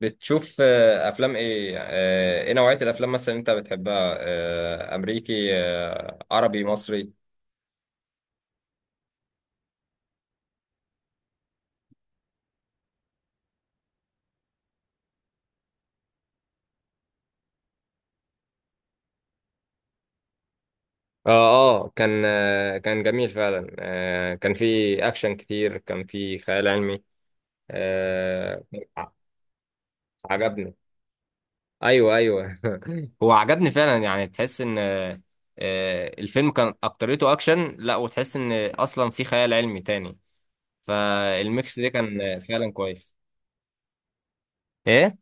بتشوف افلام ايه، ايه نوعية الافلام مثلا انت بتحبها، امريكي، عربي مصري؟ اه. اه كان جميل فعلا، كان في اكشن كتير، كان في خيال علمي. آه. ع- عجبني. ايوه، ايوه. هو عجبني فعلا، يعني تحس ان الفيلم كان اكتريته اكشن، لا وتحس ان اصلا في خيال علمي تاني، فالميكس ده كان فعلا كويس. ايه؟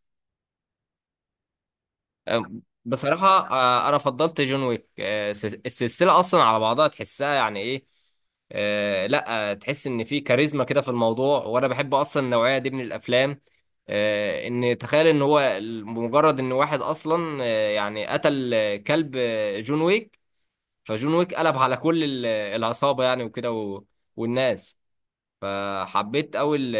أم- بصراحة أنا فضلت جون ويك، السلسلة أصلا على بعضها تحسها يعني إيه. آه، لا آه، تحس إن في كاريزما كده في الموضوع، وأنا بحب أصلا النوعية دي من الأفلام. إن تخيل إن هو مجرد إن واحد أصلا، يعني قتل كلب جون ويك، فجون ويك قلب على كل العصابة يعني، وكده والناس. فحبيت قوي ال-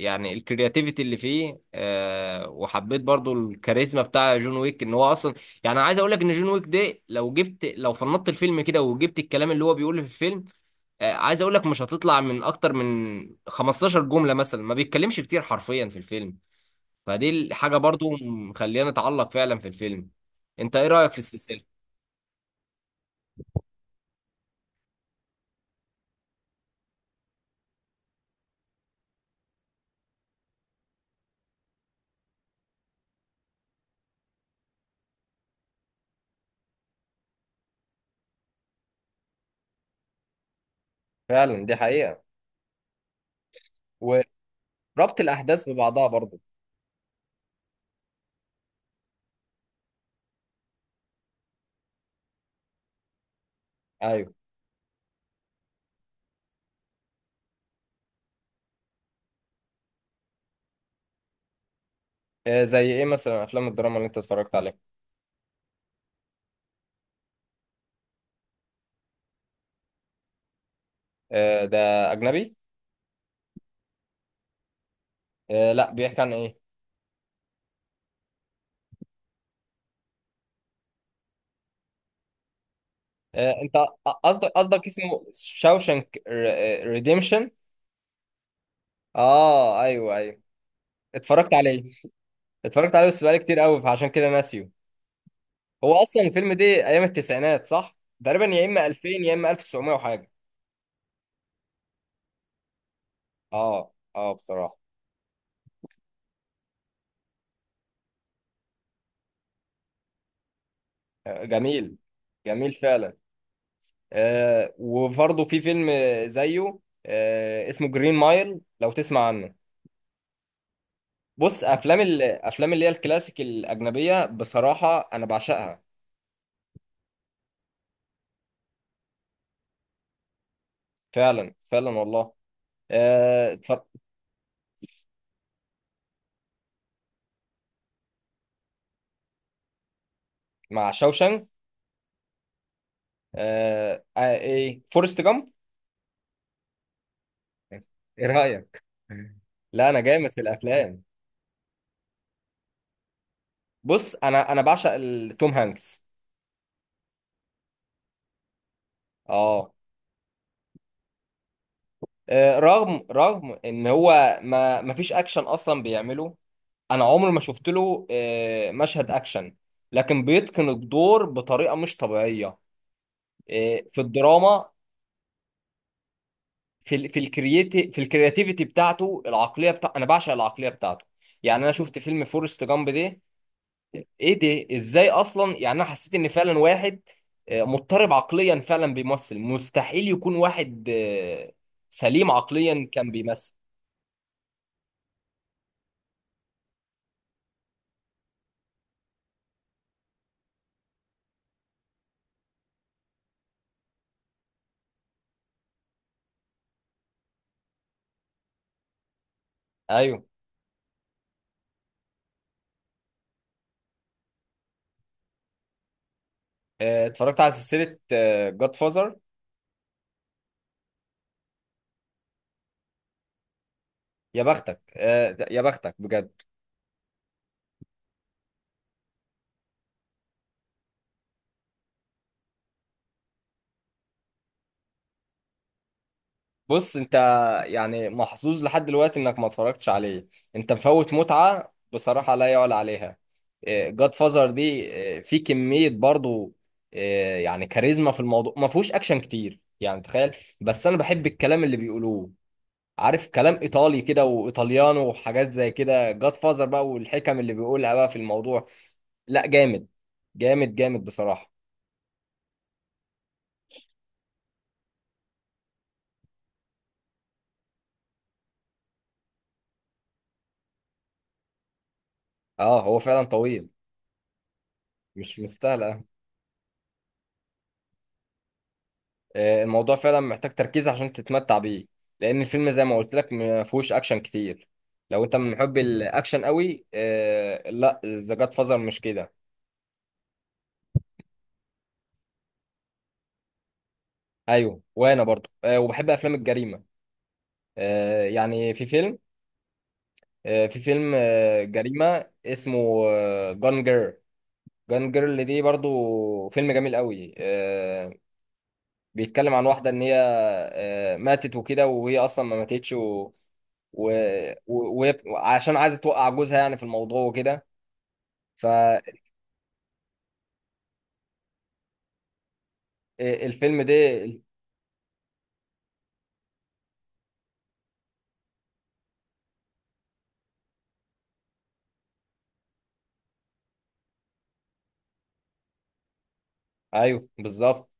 يعني الكرياتيفيتي اللي فيه، وحبيت برضو الكاريزما بتاع جون ويك، ان هو اصلا يعني. أنا عايز اقول لك ان جون ويك ده لو جبت، لو فنطت الفيلم كده وجبت الكلام اللي هو بيقوله في الفيلم، عايز اقول لك مش هتطلع من اكتر من 15 جملة مثلا، ما بيتكلمش كتير حرفيا في الفيلم، فدي الحاجة برضو مخلينا نتعلق فعلا في الفيلم. انت ايه رأيك في السلسلة؟ فعلا دي حقيقة، وربط الأحداث ببعضها برضو. أيوه. زي إيه مثلا أفلام الدراما اللي أنت اتفرجت عليها؟ ده أجنبي. لا، بيحكي عن إيه؟ آه، أنت قصدك، قصدك اسمه شاوشنك ريديمشن. آه أيوه أيوه، اتفرجت عليه، اتفرجت عليه بس بقالي كتير قوي فعشان كده ناسيه. هو أصلا الفيلم ده أيام التسعينات صح؟ تقريبا يا إما 2000 يا إما 1900 وحاجة. آه. آه بصراحة. جميل. جميل فعلا. وبرضه في فيلم زيه، اسمه جرين مايل، لو تسمع عنه. بص، افلام، الافلام اللي هي الكلاسيك الاجنبيه بصراحه انا بعشقها. فعلا فعلا والله. آه، اتفرج- مع شوشنج. ايه، فورست جامب. ايه رايك؟ لا انا جامد في الافلام. بص انا، بعشق توم هانكس. اه. آه، رغم ان هو ما فيش اكشن اصلا بيعمله، انا عمري ما شفت له مشهد اكشن، لكن بيتقن الدور بطريقه مش طبيعيه في الدراما. في ال في الكرياتي في الكرياتيفيتي بتاعته، العقليه بتاع، انا بعشق العقليه بتاعته. يعني انا شفت فيلم فورست جامب ده، ايه ده؟ ازاي اصلا؟ يعني انا حسيت ان فعلا واحد مضطرب عقليا فعلا بيمثل، مستحيل يكون واحد سليم عقليا كان بيمثل. ايوه. اتفرجت على سلسله جاد فازر؟ يا بختك، يا بختك بجد. بص انت يعني محظوظ لحد دلوقتي انك ما اتفرجتش عليه، انت مفوت متعة بصراحة لا يعلى عليها. جاد فازر دي، اه، في كمية برضو، اه، يعني كاريزما في الموضوع، ما فيهوش اكشن كتير يعني. تخيل، بس انا بحب الكلام اللي بيقولوه، عارف، كلام ايطالي كده وايطاليانو وحاجات زي كده. جاد فازر بقى والحكم اللي بيقولها بقى في الموضوع، لا جامد، جامد جامد بصراحة. اه هو فعلا طويل. مش مستاهل الموضوع فعلا محتاج تركيز عشان تتمتع بيه، لان الفيلم زي ما قلت لك ما فيهوش اكشن كتير. لو انت من محب الاكشن قوي، لا، ذا جاد فازر مش كده. ايوه، وانا برضو وبحب افلام الجريمه. آه، يعني في فيلم في فيلم جريمه اسمه جان جيرل. جان جيرل دي برضو فيلم جميل قوي. بيتكلم عن واحده ان هي ماتت وكده، وهي اصلا ما ماتتش، وعشان و... و... وهي بت- عشان عايزه توقع جوزها يعني في الموضوع وكده. فالفيلم ده، ايوه بالظبط.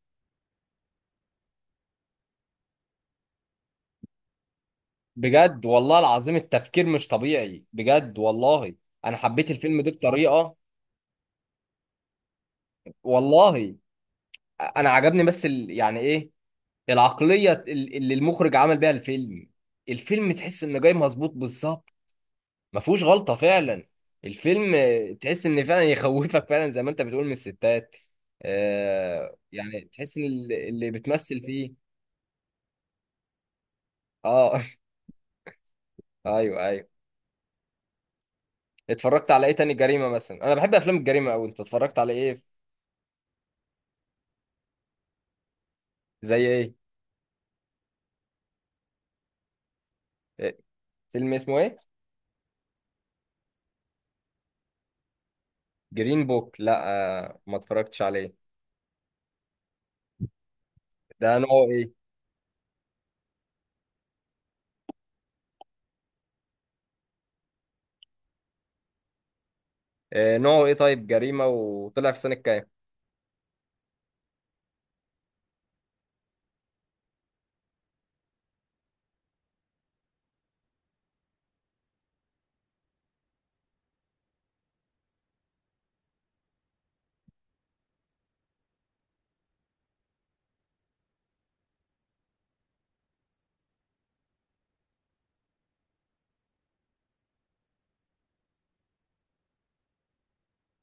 بجد والله العظيم التفكير مش طبيعي بجد والله. انا حبيت الفيلم ده بطريقه والله. انا عجبني بس يعني ايه، العقليه اللي المخرج عمل بيها الفيلم، الفيلم تحس انه جاي مظبوط بالظبط، ما فيهوش غلطة فعلا. الفيلم تحس ان فعلا يخوفك فعلا زي ما انت بتقول من الستات. آه يعني تحس ان اللي بتمثل فيه. اه. ايوه ايوه. اتفرجت على ايه تاني جريمة مثلا؟ انا بحب افلام الجريمة اوي، انت اتفرجت على ايه؟ زي ايه؟ آه، فيلم اسمه ايه؟ جرين بوك؟ لا آه، ما اتفرجتش عليه. ده نوعه ايه؟ آه نوعه ايه طيب، جريمة؟ وطلع في سنة كام؟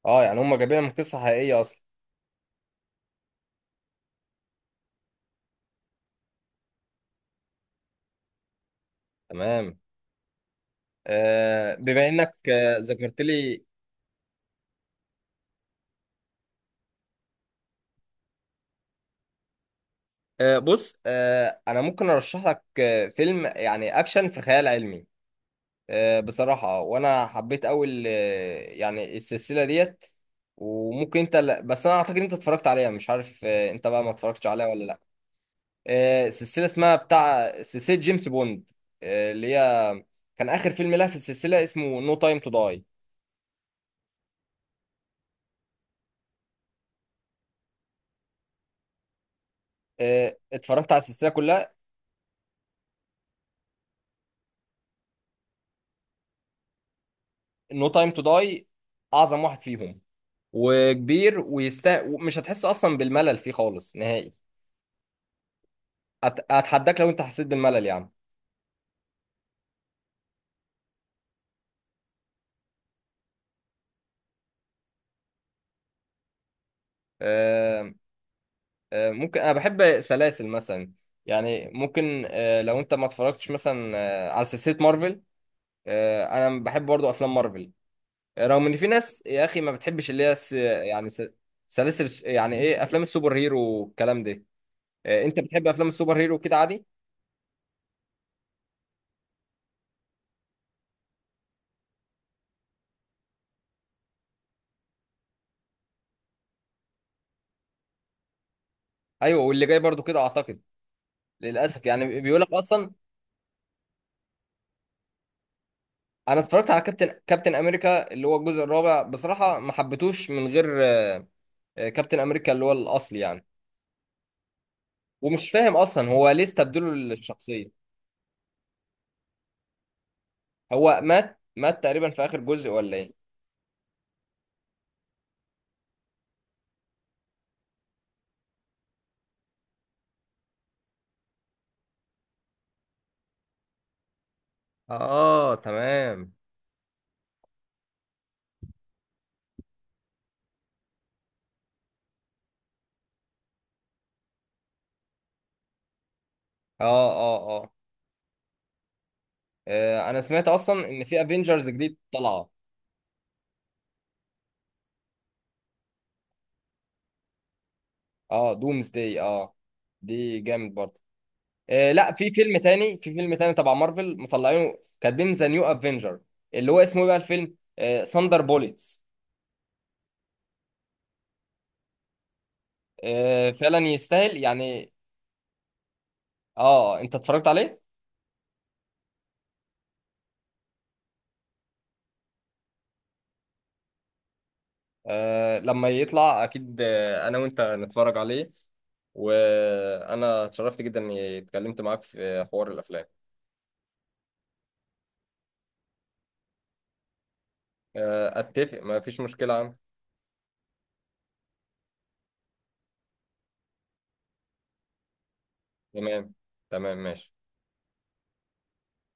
اه، يعني هم جايبينها من قصة حقيقية اصلا. تمام. بما انك ذكرت لي، بص، انا ممكن ارشح لك فيلم يعني اكشن في خيال علمي بصراحه، وانا حبيت اول يعني السلسله ديت. وممكن انت، لا بس انا اعتقد انت اتفرجت عليها، مش عارف انت بقى ما اتفرجتش عليها ولا لا. سلسله اسمها بتاع سلسله جيمس بوند، اللي هي كان اخر فيلم لها في السلسله اسمه نو تايم تو داي. اتفرجت على السلسله كلها؟ نو تايم تو داي اعظم واحد فيهم، وكبير ويستاهل، مش هتحس اصلا بالملل فيه خالص نهائي. اتحداك لو انت حسيت بالملل يا عم. آه، ممكن، انا بحب سلاسل مثلا، يعني ممكن لو انت ما اتفرجتش مثلا على سلسله مارفل. انا بحب برضو افلام مارفل رغم ان في ناس يا اخي ما بتحبش اللي هي سلاسل يعني ايه، افلام السوبر هيرو والكلام ده. انت بتحب افلام السوبر هيرو كده عادي. ايوه، واللي جاي برضو كده اعتقد للاسف يعني، بيقول لك اصلا. انا اتفرجت على كابتن امريكا اللي هو الجزء الرابع، بصراحه ما حبيتوش من غير كابتن امريكا اللي هو الاصلي يعني. ومش فاهم اصلا هو ليه استبدلوا الشخصيه. هو مات تقريبا في اخر جزء، ولا ايه؟ اه تمام. اه. اه. اه. انا سمعت اصلا ان في افنجرز جديد طالعه. اه دومز داي، اه، دي جامد برضه. آه لا، في فيلم تاني، تبع مارفل مطلعينه كاتبين ذا نيو افنجر، اللي هو اسمه إيه بقى الفيلم، آه ساندر بوليتس. آه فعلا يستاهل يعني. اه انت اتفرجت عليه؟ آه لما يطلع اكيد انا وانت نتفرج عليه. وانا اتشرفت جدا اني اتكلمت معاك في حوار الافلام. آه اتفق، ما فيش مشكلة عم. تمام. تمام ماشي.